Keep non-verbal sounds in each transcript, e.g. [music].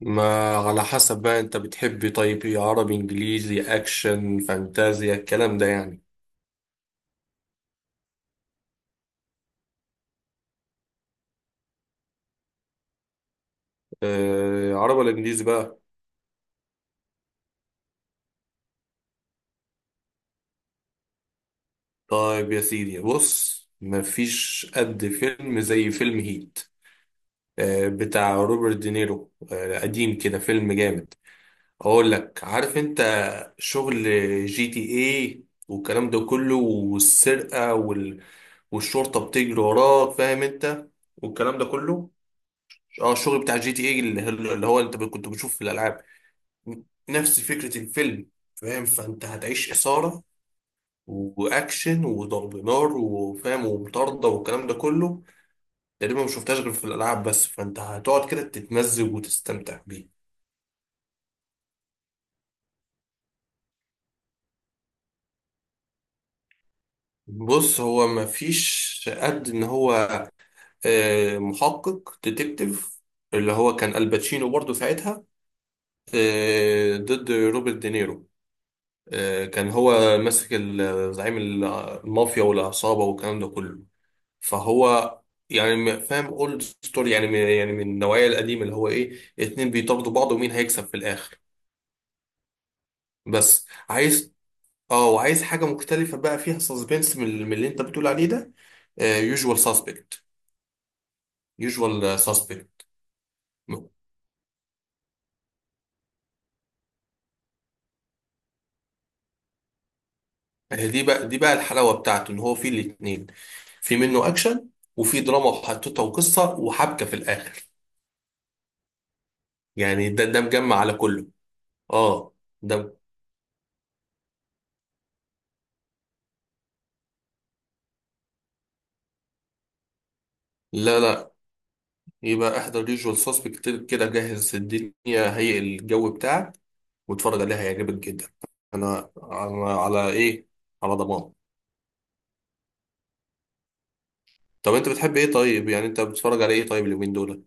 ما على حسب بقى، انت بتحب طيب ايه؟ عربي، انجليزي، اكشن، فانتازيا، الكلام ده يعني. آه عربي ولا انجليزي بقى؟ طيب يا سيدي بص، مفيش قد فيلم زي فيلم هيت. آه بتاع روبرت دينيرو، آه قديم كده، فيلم جامد. اقول لك، عارف انت شغل جي تي ايه والكلام ده كله، والسرقة وال... والشرطة بتجري وراك، فاهم انت؟ والكلام ده كله. اه الشغل بتاع جي تي اي، اللي هو انت كنت بتشوف في الالعاب، نفس فكره الفيلم، فاهم؟ فانت هتعيش اثاره واكشن وضرب نار، وفاهم، ومطارده والكلام ده كله. تقريبا ما شفتهاش غير في الالعاب بس، فانت هتقعد كده تتمزج وتستمتع بيه. بص، هو ما فيش قد ان هو محقق ديتكتيف اللي هو كان الباتشينو برضه ساعتها، ضد روبرت دينيرو. كان هو ماسك زعيم المافيا والعصابة والكلام ده كله. فهو يعني فاهم، اولد ستوري يعني، من يعني من النوعية القديمة اللي هو ايه، اتنين بيطاردوا بعض ومين هيكسب في الآخر. بس عايز، اه وعايز حاجة مختلفة بقى فيها سسبنس، من اللي انت بتقول عليه ده، يوجوال ساسبكت. يوجوال ساسبكت دي بقى، دي بقى الحلاوه بتاعته، ان هو فيه الاثنين. في منه اكشن، وفي دراما وحطتها وقصه وحبكه في الاخر. يعني ده، ده مجمع على كله. اه ده. لا لا، يبقى احضر يوجوال سسبكت كده، جهز الدنيا، هيئ الجو بتاعك واتفرج عليها، هيعجبك جدا. انا على، على ايه، على ضمان. طب انت بتحب ايه طيب؟ يعني انت بتتفرج على ايه طيب اليومين دول؟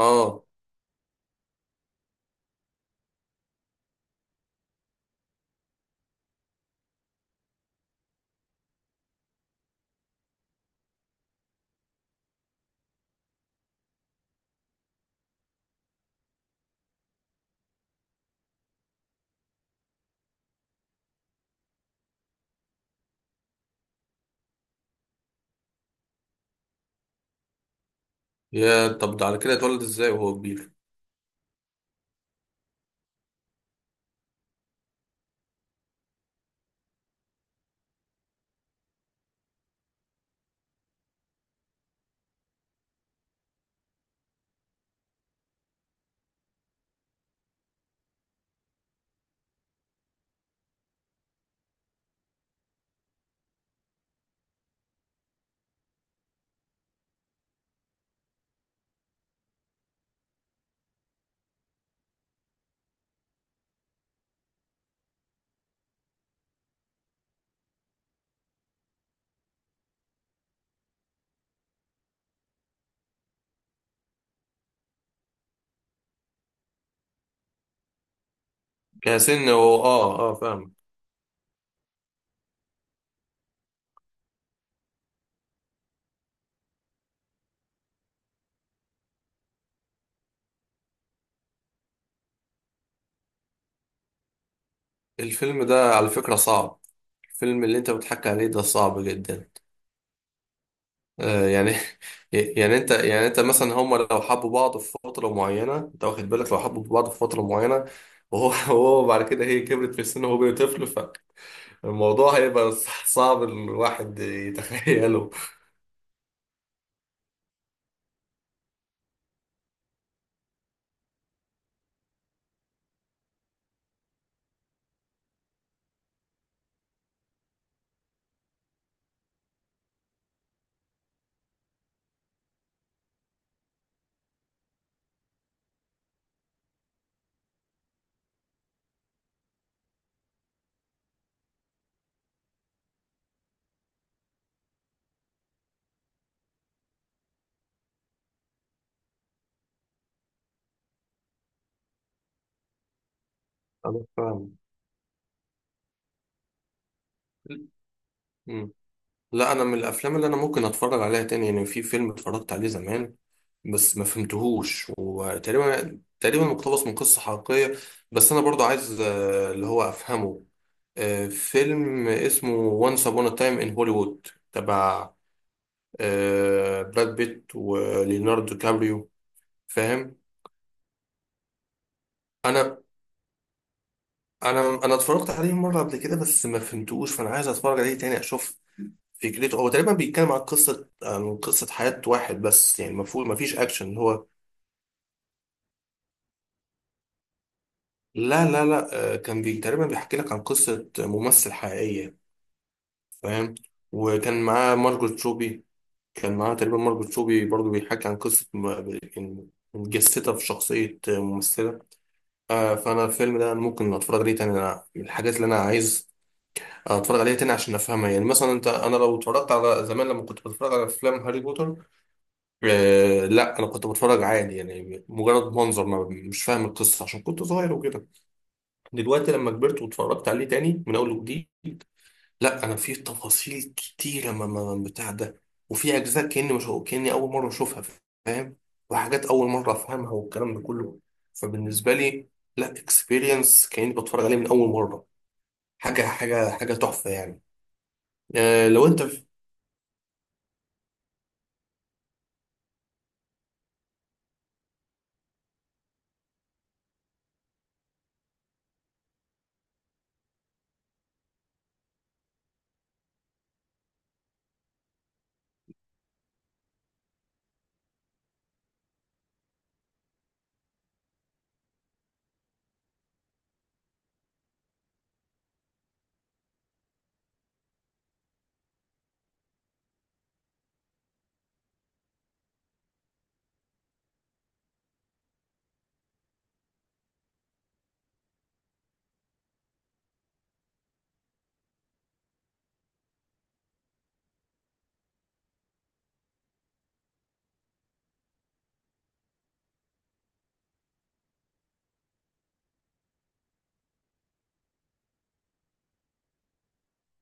اه. يا طب ده على كده اتولد ازاي وهو كبير؟ كسن هو، اه اه، فاهم. الفيلم ده على فكرة صعب، الفيلم اللي انت بتحكي عليه ده صعب جدا. يعني، [laughs] يعني انت، يعني انت مثلا، هما لو حبوا بعض في فترة معينة، انت واخد بالك لو حبوا بعض في فترة معينة، وهو [laughs] وهو بعد كده هي كبرت في السن وهو بقى طفل، فالموضوع هيبقى صعب الواحد يتخيله. [laughs] انا فاهم. لا انا من الافلام اللي انا ممكن اتفرج عليها تاني، يعني في فيلم اتفرجت عليه زمان بس ما فهمتهوش، وتقريبا تقريبا مقتبس من قصة حقيقية. بس انا برضو عايز اللي هو افهمه، فيلم اسمه وانس ابون ا تايم ان هوليوود، تبع براد بيت وليوناردو كابريو، فاهم. انا انا اتفرجت عليه مرة قبل كده بس ما فهمتهوش، فانا عايز اتفرج عليه تاني اشوف فكرته. هو تقريبا بيتكلم عن قصة، عن قصة حياة واحد بس، يعني مفهوم مفيش أكشن هو. لا، كان بي تقريبا بيحكي لك عن قصة ممثل حقيقية، فاهم. وكان معاه مارجوت روبي، كان معاه تقريبا مارجوت روبي برضو، بيحكي عن قصة متجسدة في شخصية ممثلة. فأنا الفيلم ده ممكن أتفرج عليه تاني، أنا من الحاجات اللي أنا عايز أتفرج عليها تاني عشان أفهمها. يعني مثلا أنت، أنا لو اتفرجت على، زمان لما كنت بتفرج على أفلام هاري بوتر، آه لا انا كنت بتفرج عادي، يعني مجرد منظر ما، مش فاهم القصه عشان كنت صغير وكده. دلوقتي لما كبرت واتفرجت عليه تاني من اول وجديد، لا انا في تفاصيل كتيره بتاع ده، وفي اجزاء كاني، مش كاني اول مره اشوفها، فاهم، وحاجات اول مره افهمها والكلام ده كله. فبالنسبه لي، لا اكسبيرينس كاني بتفرج عليه من اول مره، حاجه تحفه يعني. آه لو انت.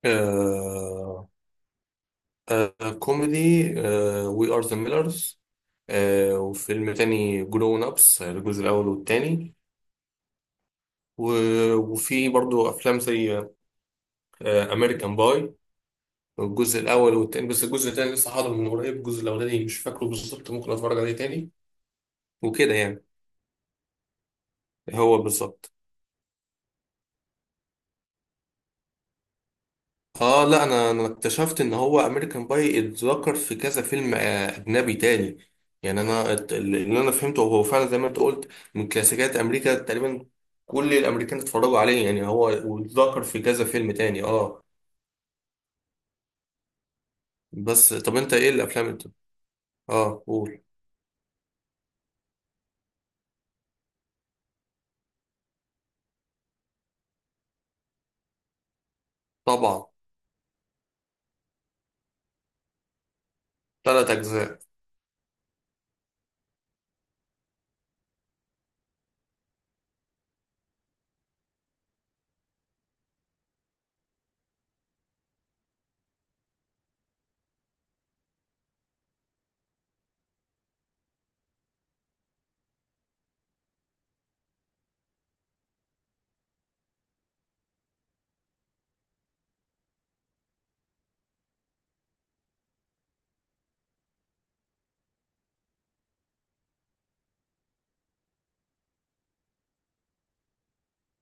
آه. آه كوميدي. آه وي ار ذا ميلرز، وفيلم تاني جرون أبس الجزء الأول والتاني، وفي برضو أفلام زي أمريكان باي الجزء الأول والتاني، بس الجزء التاني لسه حاضر من قريب، الجزء الأولاني مش فاكره بالظبط، ممكن أتفرج عليه تاني، وكده يعني. هو بالظبط. اه لا انا، انا اكتشفت ان هو امريكان باي اتذكر في كذا فيلم اجنبي تاني. يعني انا اللي انا فهمته هو فعلا زي ما انت قلت، من كلاسيكيات امريكا تقريبا، كل الامريكان اتفرجوا عليه يعني هو. واتذكر في كذا فيلم تاني، اه. بس طب انت ايه الافلام انت؟ اه قول. طبعا. ثلاث اجزاء.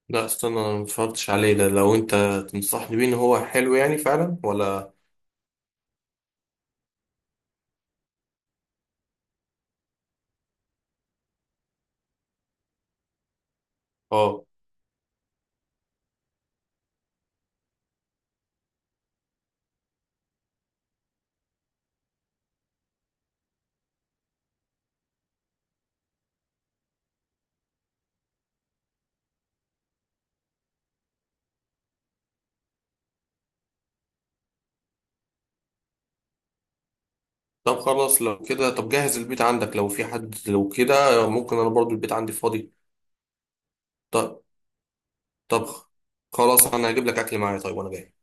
لا استنى، انا ما اتفرجتش عليه ده، لو انت تنصحني بيه ان هو حلو يعني فعلا ولا؟ اه طب خلاص لو كده، طب جهز البيت عندك لو في حد لو كده، ممكن انا برضو البيت عندي فاضي. طب. طب خلاص، انا هجيب لك اكل معايا طيب وانا جاي.